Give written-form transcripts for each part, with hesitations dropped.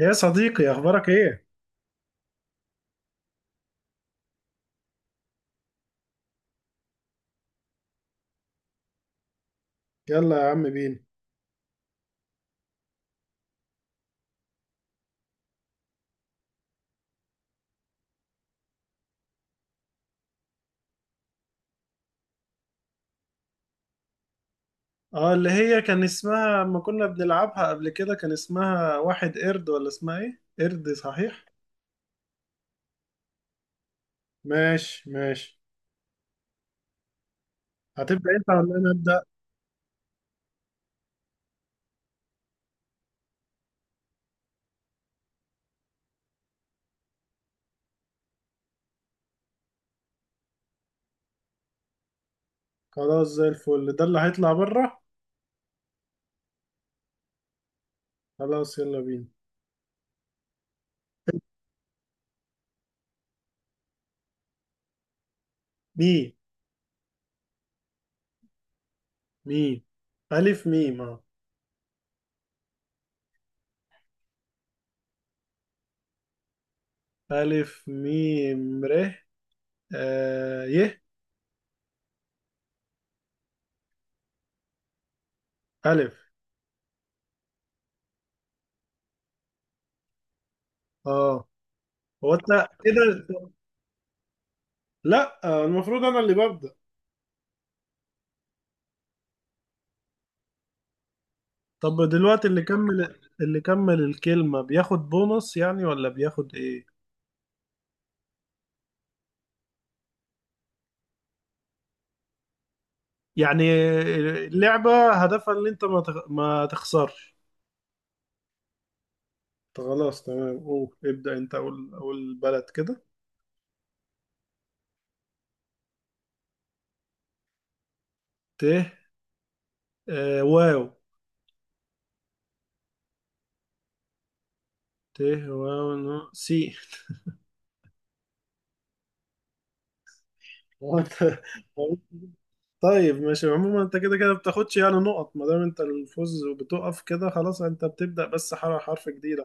يا صديقي، اخبارك ايه؟ يلا يا عم بينا. اه، اللي هي كان اسمها اما كنا بنلعبها قبل كده كان اسمها واحد قرد، ولا اسمها ايه؟ قرد، صحيح. ماشي ماشي. هتبدأ انت ولا انا ابدأ؟ خلاص زي الفل. ده اللي هيطلع بره. خلاص يلا بينا. ميم. ميم. الف ميم اه. الف ميم ر. آه ي. الف. اه، هو انت كده؟ لا، المفروض انا اللي ببدأ. طب دلوقتي اللي كمل الكلمة بياخد بونص يعني، ولا بياخد ايه؟ يعني اللعبة هدفها ان انت ما تخسرش. طب خلاص، تمام. قول ابدأ، انت اقول بلد كده. ت. آه واو. ت واو نو. سي. هو أنت- طيب ماشي. عموما انت كده كده بتاخدش يعني نقط ما دام انت الفوز وبتقف كده، خلاص انت بتبدأ بس حرف جديدة.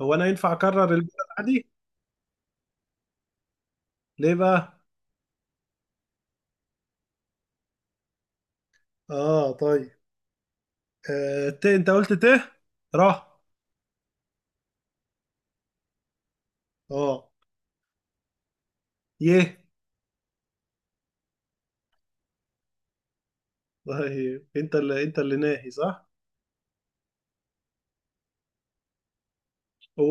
هو انا ينفع اكرر البلد؟ عادي؟ ليه بقى؟ اه طيب. ت، انت قلت ت. ره. اه. يه. طيب انت اللي ناهي، صح؟ هو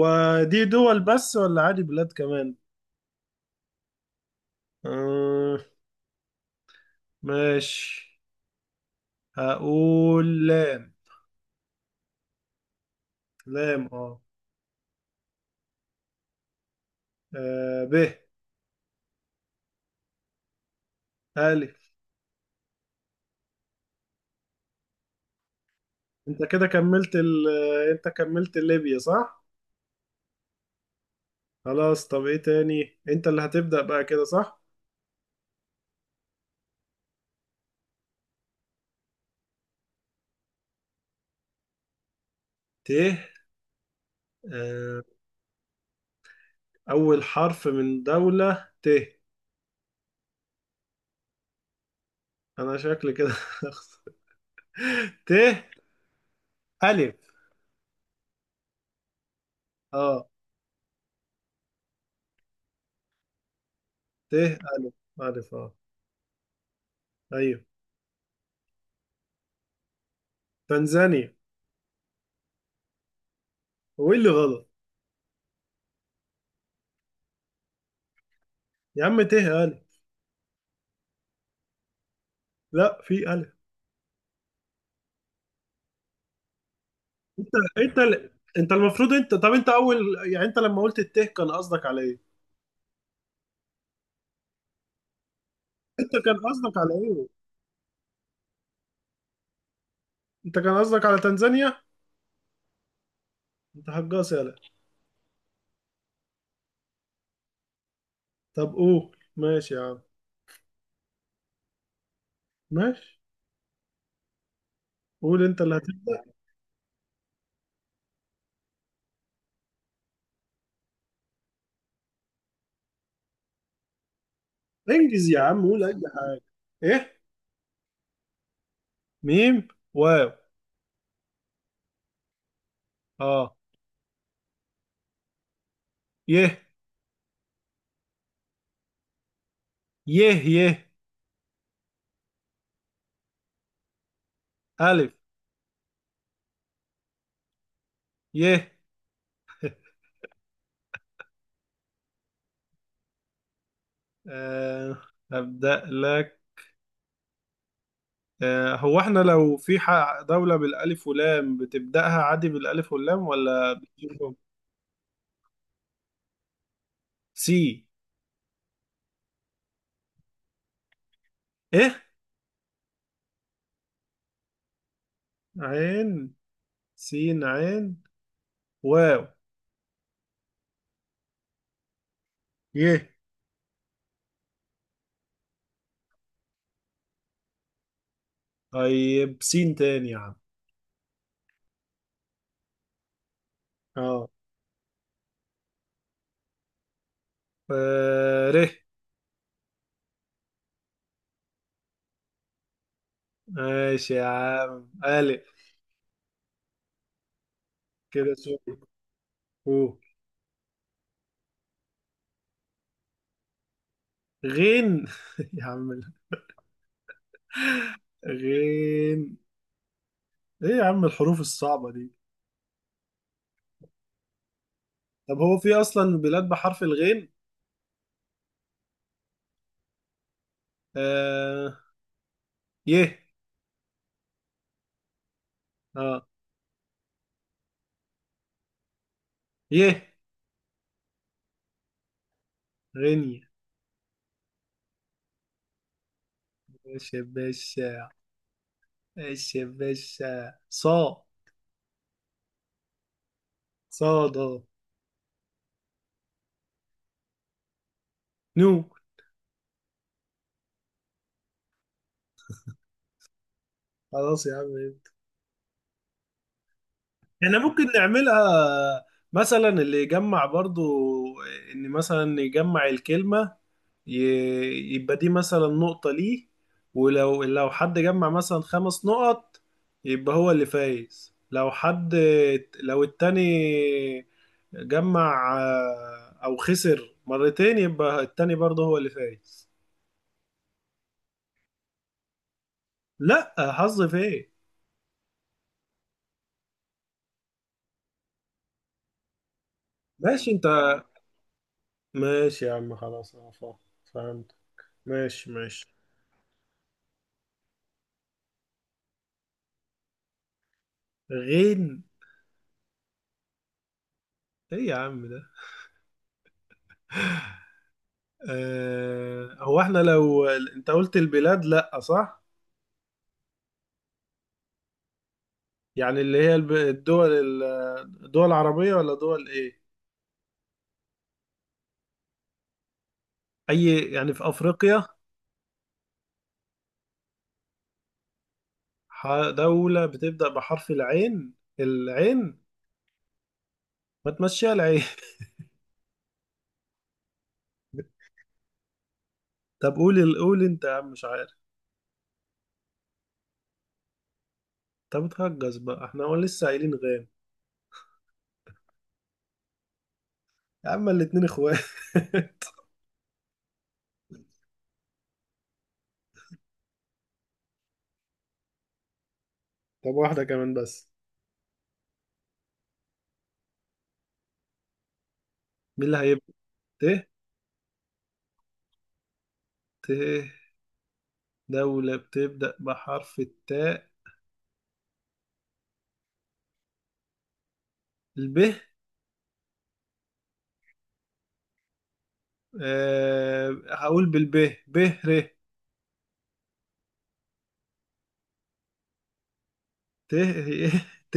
دي دول بس ولا عادي بلاد كمان؟ آه، ماشي. هقول لام. لام اه. ب. ألف. انت كده كملت ال... انت كملت ليبيا، صح؟ خلاص. طب ايه تاني؟ انت اللي هتبدأ بقى كده، صح؟ ت. آه، اول حرف من دولة ت. انا شكلي كده هخسر. ت. ألف. اه ت ألف. ألف أه. أيوه. تنزانيا. هو إيه اللي غلط؟ يا عم ت ألف. لا في ألف. أنت. أنت ال- أنت المفروض، أنت، طب أنت أول، يعني أنت لما قلت الت كان قصدك على إيه؟ أنت كان قصدك على إيه؟ أنت كان قصدك على تنزانيا؟ أنت هجاص يالا. طب قول ماشي يا عم. ماشي. قول، أنت اللي هتبدأ. انجز يا عم قول أي حاجة. إيه؟ ميم واو. أه. يه يه يه. ألف. يه. أه، هبدأ لك. هو احنا لو في دولة بالألف واللام بتبدأها عادي بالألف واللام ولا بتجيبهم؟ سي. ايه؟ عين. سين عين. واو. يه. طيب سين تاني يا عم؟ اه. ر. ماشي يا عم. ألف. كده شوف. غين. يا عم غين. ايه يا عم الحروف الصعبة دي؟ طب هو في أصلا بلاد بحرف الغين؟ آه. يه. اه. يه. غينيا. ماشي يا باشا. ماشي يا باشا. صا. صاد. نو. خلاص يا عم. احنا ممكن نعملها مثلا اللي يجمع برضو، ان مثلا يجمع الكلمة، يبقى دي مثلا نقطة ليه، ولو حد جمع مثلا خمس نقط يبقى هو اللي فايز. لو حد، لو التاني جمع او خسر مرتين يبقى التاني برضه هو اللي فايز. لا حظ فين؟ ماشي انت. ماشي يا عم، خلاص انا فاهم. فهمت. ماشي ماشي. غين. ايه يا عم ده؟ آه، هو احنا لو انت قلت البلاد، لا صح؟ يعني اللي هي الدول الدول العربية ولا دول ايه؟ اي يعني في افريقيا؟ دولة بتبدأ بحرف العين. العين. ما تمشيها العين طب قول قول انت يا عم، مش عارف. طب اتهجس بقى. احنا هو لسه قايلين غين. يا عم الاتنين اخوات. طب واحدة كمان بس. مين اللي هيبدأ؟ ت. ت. دولة بتبدأ بحرف التاء. الب. أه هقول بالب. ب. ر ت. ت.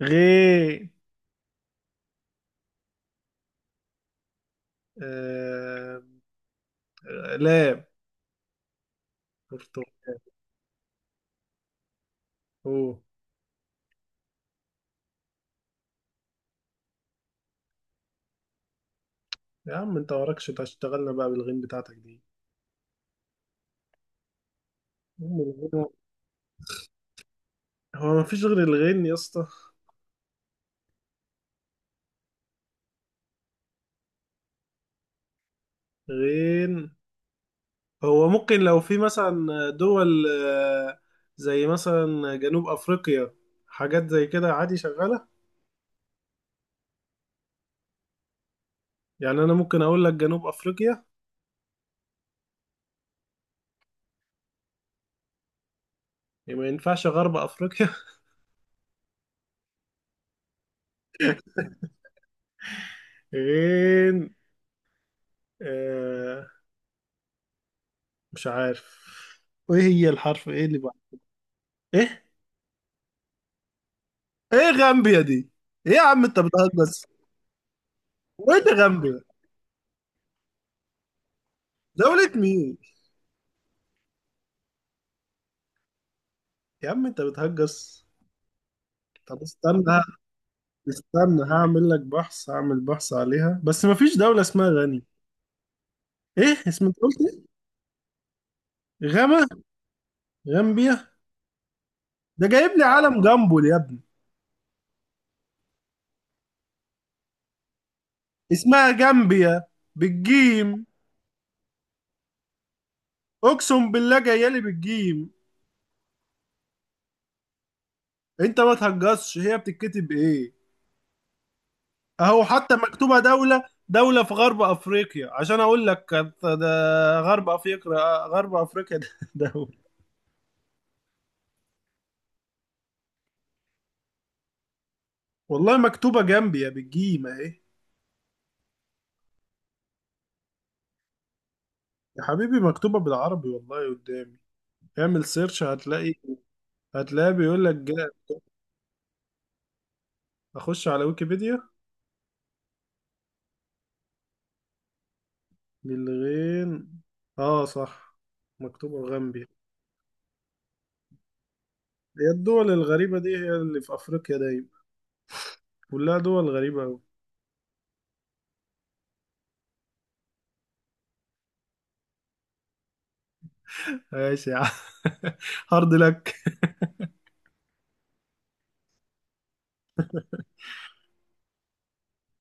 غ. أه. لام. برتقال. اوه. يا عم انت وراكش هتشتغلنا بقى بالغين بتاعتك دي. أم الغين. هو مفيش غير الغين يا اسطى؟ غين. هو ممكن لو في مثلا دول زي مثلا جنوب افريقيا، حاجات زي كده، عادي شغالة؟ يعني انا ممكن اقول لك جنوب افريقيا. إيه، ما ينفعش غرب افريقيا؟ غين. آه، مش عارف. ايه هي الحرف ايه اللي بعد؟ ايه؟ ايه غامبيا دي؟ ايه يا عم انت بتهجس. وين غامبيا؟ دولة مين؟ يا عم انت بتهجس. طب استنى. استنى هعمل لك بحث، هعمل بحث عليها، بس مفيش دولة اسمها غني. ايه اسم؟ انت قلت ايه؟ غاما. غامبيا. ده جايب لي علم جامبول يا ابني. اسمها جامبيا، بالجيم. اقسم بالله جايه لي بالجيم. انت ما تهجصش. هي بتتكتب ايه؟ اهو حتى مكتوبة دولة. دولة في غرب افريقيا عشان اقول لك، كانت ده غرب افريقيا. غرب افريقيا ده دولة. والله مكتوبة جنبي يا، بالجيم اهي. يا حبيبي مكتوبة بالعربي، والله قدامي. اعمل سيرش هتلاقي. هتلاقي بيقول لك جا. اخش على ويكيبيديا. للغين. اه صح. مكتوبة غامبيا. هي الدول الغريبة دي هي اللي في افريقيا دايما. كلها دول غريبة اوي. ماشي يا عم. هارد لك.